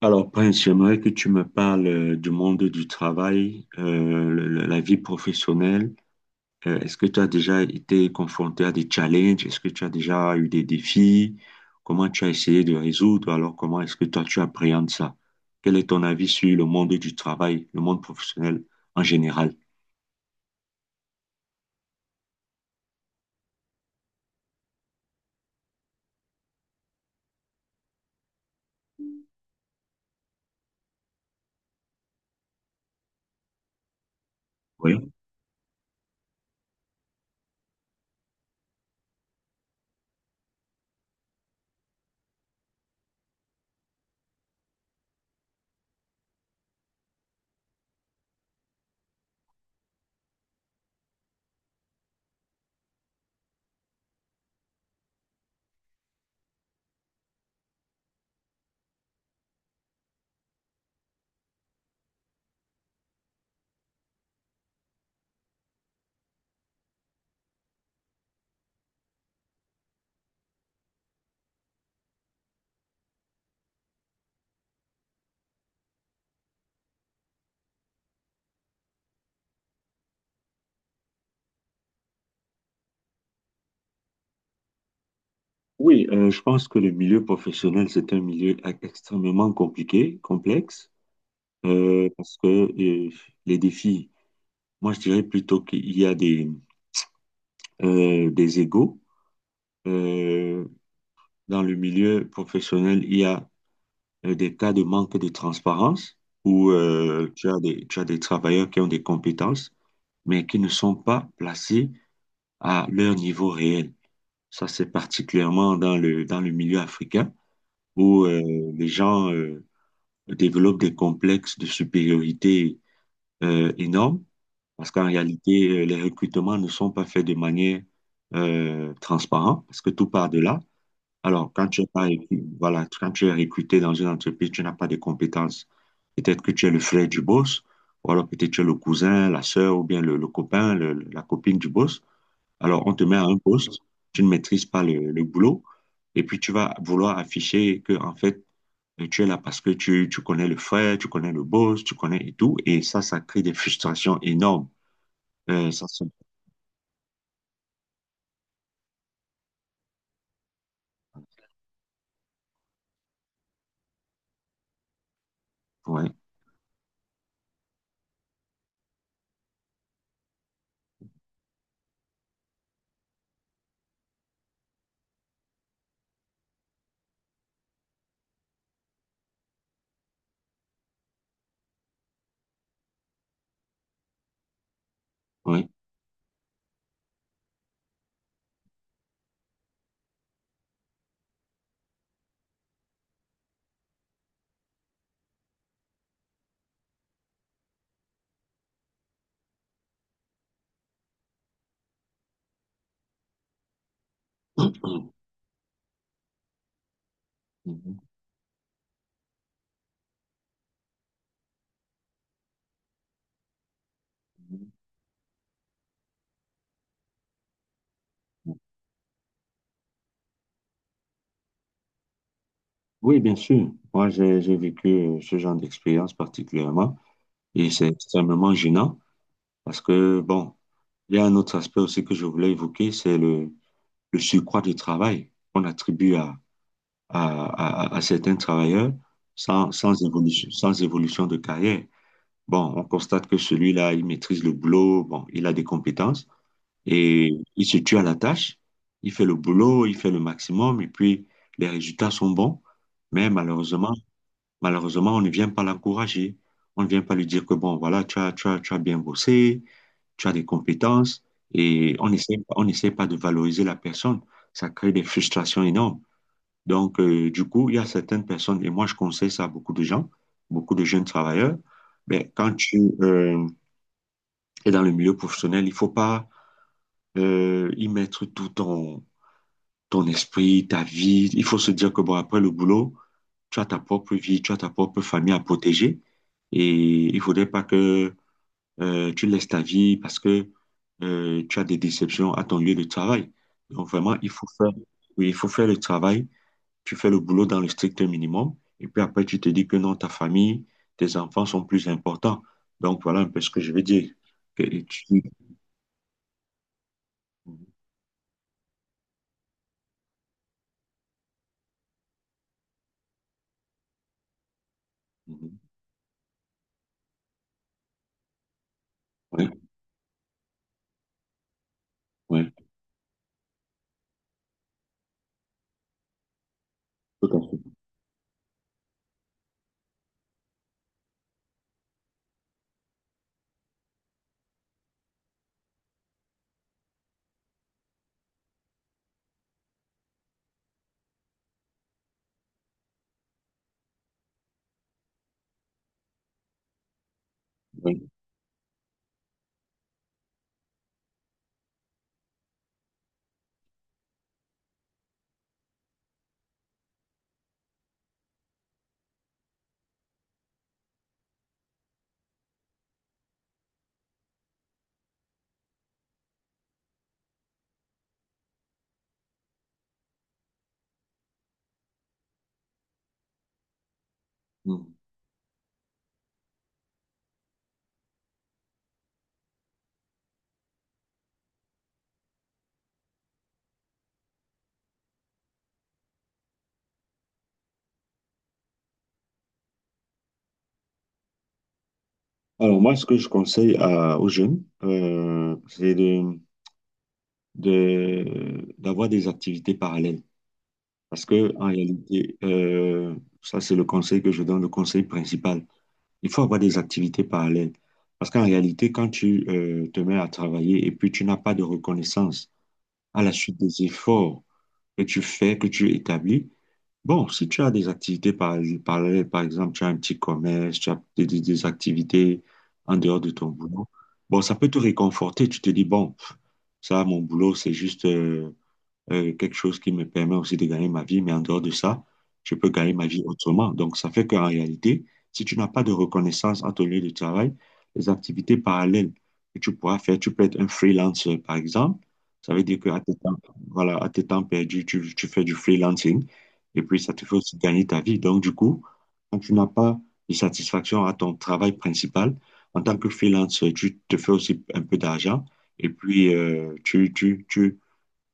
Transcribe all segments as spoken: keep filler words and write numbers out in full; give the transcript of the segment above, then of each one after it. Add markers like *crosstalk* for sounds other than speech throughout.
Alors, Prince, j'aimerais que tu me parles euh, du monde du travail, euh, le- le- la vie professionnelle. Euh, est-ce que tu as déjà été confronté à des challenges? Est-ce que tu as déjà eu des défis? Comment tu as essayé de résoudre? Alors, comment est-ce que toi, tu appréhendes ça? Quel est ton avis sur le monde du travail, le monde professionnel en général? Oui, oui, euh, je pense que le milieu professionnel, c'est un milieu e- extrêmement compliqué, complexe, euh, parce que euh, les défis, moi je dirais plutôt qu'il y a des, euh, des égaux. Euh, Dans le milieu professionnel, il y a euh, des cas de manque de transparence où euh, tu as des, tu as des travailleurs qui ont des compétences, mais qui ne sont pas placés à leur niveau réel. Ça, c'est particulièrement dans le, dans le milieu africain où euh, les gens euh, développent des complexes de supériorité euh, énormes parce qu'en réalité, euh, les recrutements ne sont pas faits de manière euh, transparente parce que tout part de là. Alors, quand tu es pas, recru- voilà, quand tu es recruté dans une entreprise, tu n'as pas de compétences. Peut-être que tu es le frère du boss, ou alors peut-être que tu es le cousin, la sœur, ou bien le, le copain, le- la copine du boss. Alors, on te met à un poste, tu ne maîtrises pas le, le boulot, et puis tu vas vouloir afficher que, en fait, et tu es là parce que tu, tu connais le frère, tu connais le boss, tu connais et tout. Et ça, ça crée des frustrations énormes. Euh, ça, c'est... Ouais, ouais. *clears throat* Mhm. Oui, bien sûr. Moi, j'ai j'ai vécu euh, ce genre d'expérience particulièrement et c'est extrêmement gênant parce que, bon, il y a un autre aspect aussi que je voulais évoquer, c'est le, le surcroît de travail qu'on attribue à, à, à- à certains travailleurs sans, sans évolution, sans évolution de carrière. Bon, on constate que celui-là, il maîtrise le boulot, bon, il a des compétences et il se tue à la tâche. Il fait le boulot, il fait le maximum et puis les résultats sont bons. Mais Mhm. malheureusement, Malheureusement, on ne vient pas l'encourager. On ne vient pas lui dire que, bon, voilà, tu as, tu as, tu as bien bossé, tu as des compétences, et on n'essaie on n'essaie pas de valoriser la personne. Ça crée des frustrations énormes. Donc, euh, du coup, il y a certaines personnes, et moi je conseille ça à beaucoup de gens, beaucoup de jeunes travailleurs, mais quand tu euh, es dans le milieu professionnel, il ne faut pas euh, y mettre tout ton, ton esprit, ta vie. Il faut se dire que bon, après le boulot, tu as ta propre vie, tu as ta propre famille à protéger. Et il faudrait pas que euh, tu laisses ta vie parce que euh, tu as des déceptions à ton lieu de travail. Donc vraiment, il faut faire, oui, il faut faire le travail. Tu fais le boulot dans le strict minimum. Et puis après, tu te dis que non, ta famille, tes enfants sont plus importants. Donc voilà un peu ce que je veux dire. Que tu... Mhm. Oui, oui, tout à fait. Oui. Alors moi, ce que je conseille à- aux jeunes, euh, c'est de, de- d'avoir des activités parallèles. Parce que en réalité, euh, ça c'est le conseil que je donne, le conseil principal. Il faut avoir des activités parallèles. Parce qu'en réalité, quand tu euh, te mets à travailler et puis tu n'as pas de reconnaissance à la suite des efforts que tu fais, que tu établis, bon, si tu as des activités par- parallèles, par exemple, tu as un petit commerce, tu as des, des- des activités en dehors de ton boulot, bon, ça peut te réconforter. Tu te dis, bon, pff, ça, mon boulot, c'est juste, euh, euh, quelque chose qui me permet aussi de gagner ma vie, mais en dehors de ça, je peux gagner ma vie autrement. Donc, ça fait qu'en réalité, si tu n'as pas de reconnaissance à ton lieu de travail, les activités parallèles que tu pourras faire, tu peux être un freelancer, par exemple. Ça veut dire qu'à tes temps, voilà, à tes temps perdus, tu, tu fais du freelancing et puis ça te fait aussi gagner ta vie. Donc, du coup, quand tu n'as pas de satisfaction à ton travail principal, en tant que freelance, tu te fais aussi un peu d'argent et puis euh, tu, tu, tu,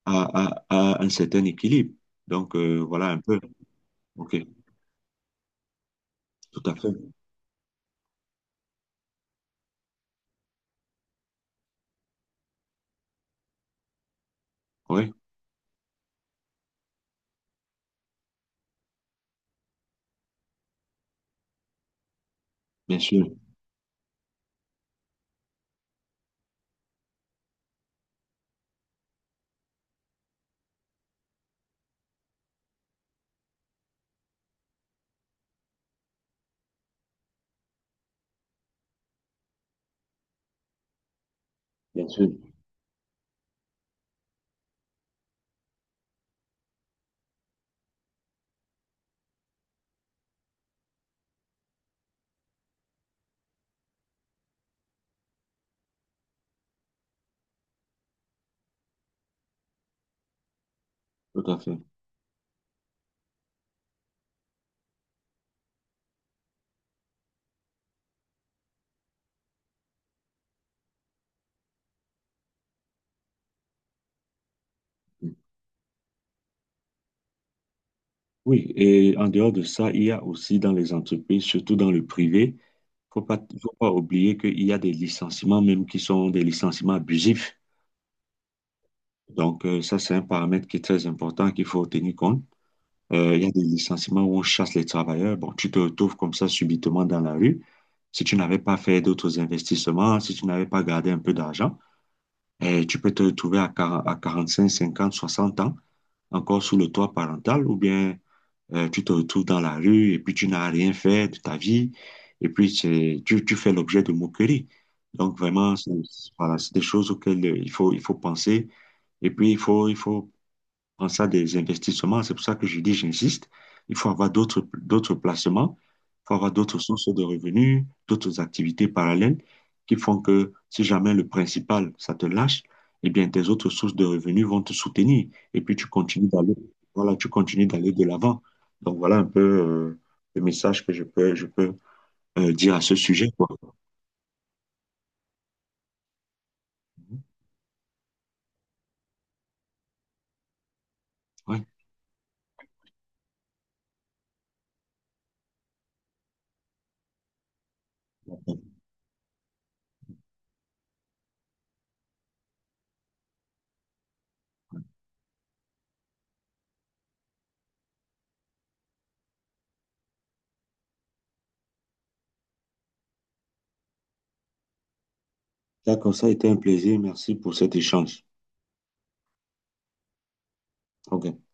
à, à- à un certain équilibre. Donc, euh, voilà un peu. OK, tout à fait. Oui, bien sûr, bien sûr, tout à fait. Oui, et en dehors de ça, il y a aussi dans les entreprises, surtout dans le privé, faut pas, faut pas oublier qu'il y a des licenciements même qui sont des licenciements abusifs. Donc, euh, ça, c'est un paramètre qui est très important qu'il faut tenir compte. Euh, il y a des licenciements où on chasse les travailleurs. Bon, tu te retrouves comme ça subitement dans la rue. Si tu n'avais pas fait d'autres investissements, si tu n'avais pas gardé un peu d'argent, et tu peux te retrouver à, quar- à quarante cinq, cinquante, soixante ans, encore sous le toit parental, ou bien euh, tu te retrouves dans la rue et puis tu n'as rien fait de ta vie, et puis c'est- tu, tu fais l'objet de moqueries. Donc vraiment, c'est, voilà, c'est des choses auxquelles euh, il faut, il faut penser, et puis il faut, il faut en ça des investissements. C'est pour ça que je dis, j'insiste, il faut avoir d'autres, d'autres placements, il faut avoir d'autres sources de revenus, d'autres activités parallèles qui font que si jamais le principal, ça te lâche, eh bien, tes autres sources de revenus vont te soutenir. Et puis, tu continues d'aller, voilà, tu continues d'aller de l'avant. Donc, voilà un peu euh, le message que je peux, je peux euh, dire à ce sujet, quoi. Ouais. D'accord, ça a été un plaisir. Merci pour cet échange. OK.